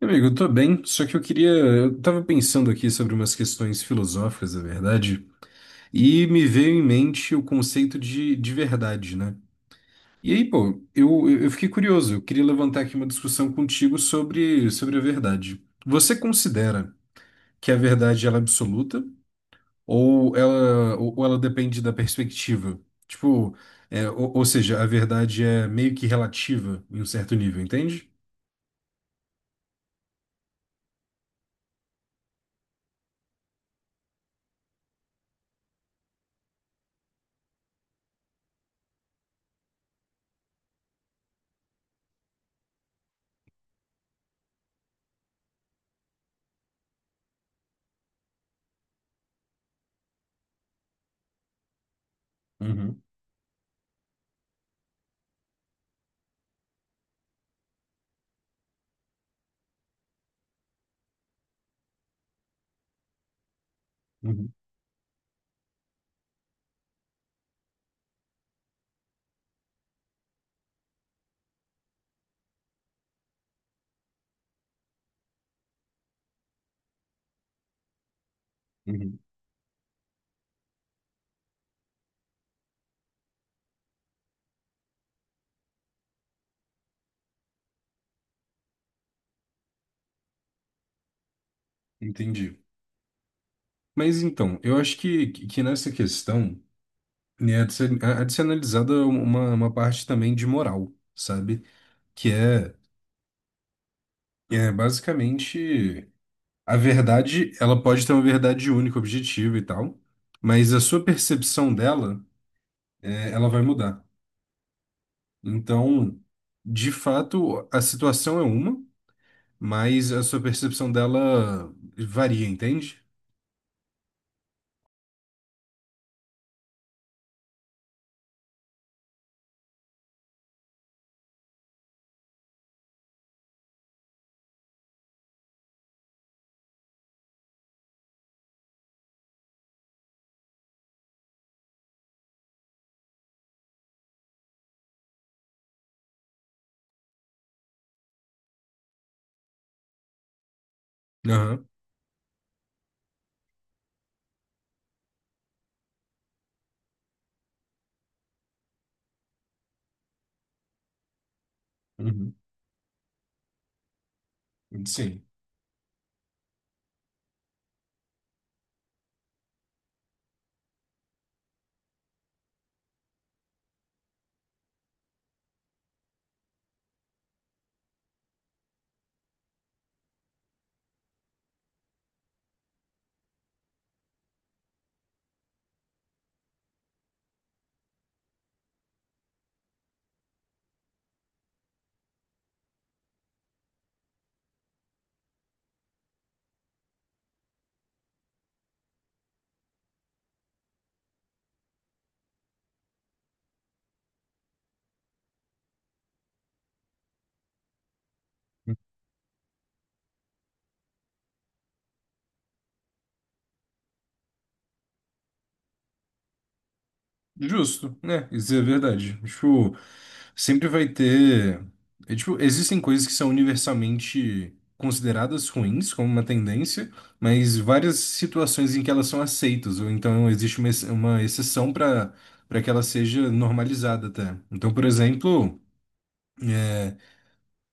Amigo, eu tô bem, só que eu queria. Eu tava pensando aqui sobre umas questões filosóficas, na verdade, e me veio em mente o conceito de verdade, né? E aí, pô, eu fiquei curioso, eu queria levantar aqui uma discussão contigo sobre a verdade. Você considera que a verdade ela é absoluta ou ela depende da perspectiva? Tipo, ou seja, a verdade é meio que relativa em um certo nível, entende? Uhum, uhum, uhum. Entendi. Mas então, eu acho que nessa questão né, há de ser analisada uma parte também de moral, sabe? Que é, é basicamente a verdade, ela pode ter uma verdade única, objetiva e tal, mas a sua percepção dela, ela vai mudar. Então, de fato, a situação é uma, mas a sua percepção dela varia, entende? Aham. Uhum. Sim. Justo, né? Isso é verdade. Tipo, sempre vai ter. Tipo, existem coisas que são universalmente consideradas ruins como uma tendência, mas várias situações em que elas são aceitas, ou então existe uma exceção para que ela seja normalizada até. Então, por exemplo.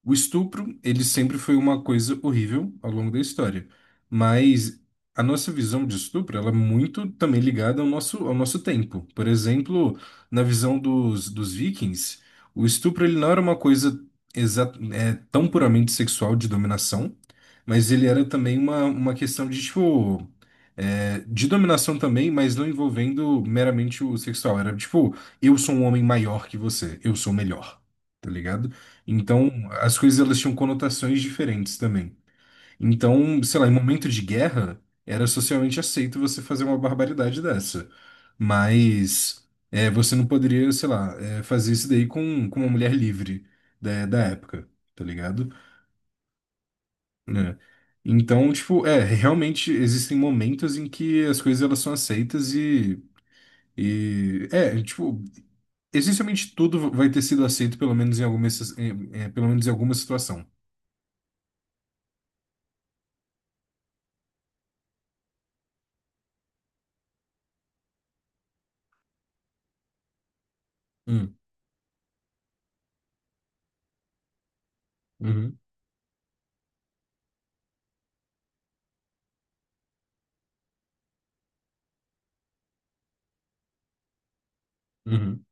O estupro, ele sempre foi uma coisa horrível ao longo da história, mas a nossa visão de estupro, ela é muito também ligada ao nosso tempo. Por exemplo, na visão dos vikings, o estupro ele não era uma coisa tão puramente sexual de dominação, mas ele era também uma questão de, tipo, de dominação também, mas não envolvendo meramente o sexual. Era tipo, eu sou um homem maior que você, eu sou melhor, tá ligado? Então, as coisas elas tinham conotações diferentes também. Então, sei lá, em momento de guerra, era socialmente aceito você fazer uma barbaridade dessa. Mas é, você não poderia, sei lá, fazer isso daí com uma mulher livre da época, tá ligado? Né? Então, tipo, é, realmente existem momentos em que as coisas elas são aceitas e é, tipo, essencialmente tudo vai ter sido aceito pelo menos em pelo menos em alguma situação. Hum, uhum. Uhum,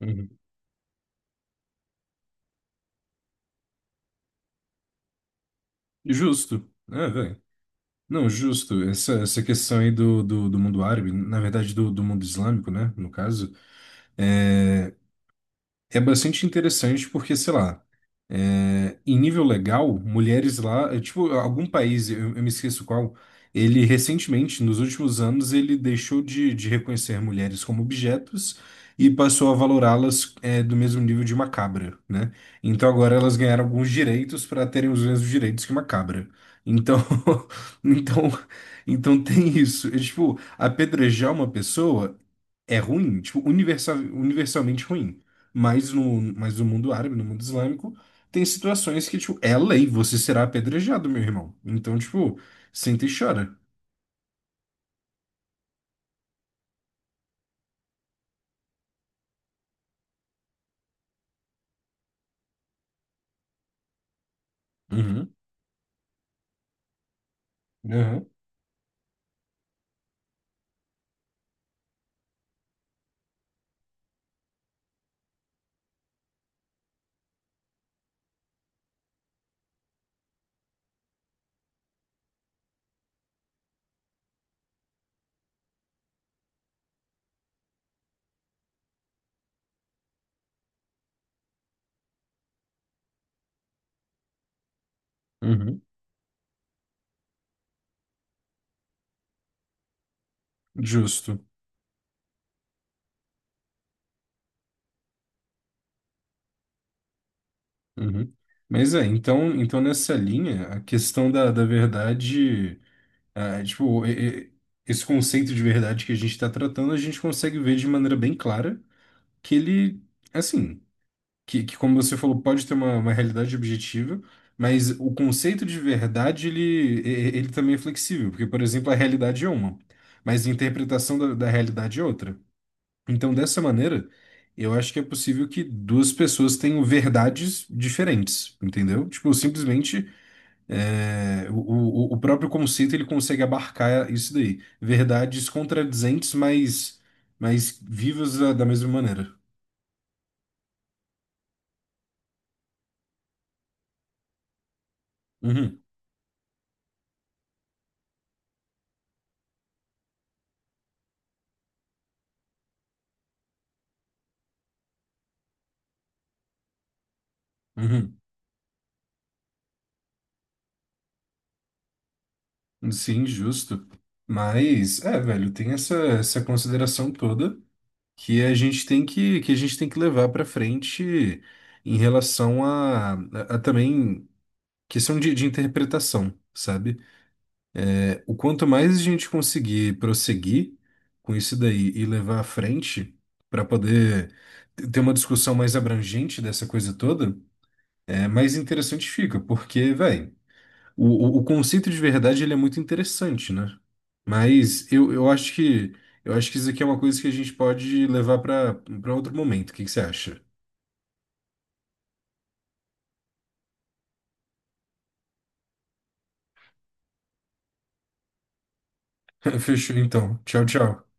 uhum. Justo. É, velho. Não, justo. Essa questão aí do mundo árabe, na verdade do mundo islâmico, né? No caso, é, é bastante interessante porque, sei lá. É, em nível legal, mulheres lá, é, tipo, algum país, eu me esqueço qual, ele recentemente, nos últimos anos, ele deixou de reconhecer mulheres como objetos e passou a valorá-las, é, do mesmo nível de uma cabra, né? Então agora elas ganharam alguns direitos para terem os mesmos direitos que uma cabra. Então, então, então tem isso. É, tipo, apedrejar uma pessoa é ruim, tipo, universalmente ruim. Mas no mundo árabe, no mundo islâmico, tem situações que, tipo, é lei, você será apedrejado, meu irmão. Então, tipo, senta e chora. Uhum, aham, uhum, justo. Uhum. Mas é, então, então nessa linha, a questão da verdade, ah, tipo, esse conceito de verdade que a gente está tratando, a gente consegue ver de maneira bem clara que ele, assim. Como você falou, pode ter uma realidade objetiva, mas o conceito de verdade, ele também é flexível, porque, por exemplo, a realidade é uma, mas a interpretação da realidade é outra. Então, dessa maneira, eu acho que é possível que duas pessoas tenham verdades diferentes, entendeu? Tipo, simplesmente, é, o próprio conceito, ele consegue abarcar isso daí. Verdades contradizentes, mas vivas da mesma maneira. Uhum, uhum. Sim, justo. Mas, é, velho, tem essa consideração toda que a gente tem que a gente tem que levar para frente em relação a também questão de interpretação, sabe? É, o quanto mais a gente conseguir prosseguir com isso daí e levar à frente para poder ter uma discussão mais abrangente dessa coisa toda, é mais interessante fica, porque, velho. O conceito de verdade ele é muito interessante, né? Mas eu acho que eu acho que isso aqui é uma coisa que a gente pode levar para outro momento. O que que você acha? Fechou então. Tchau, tchau.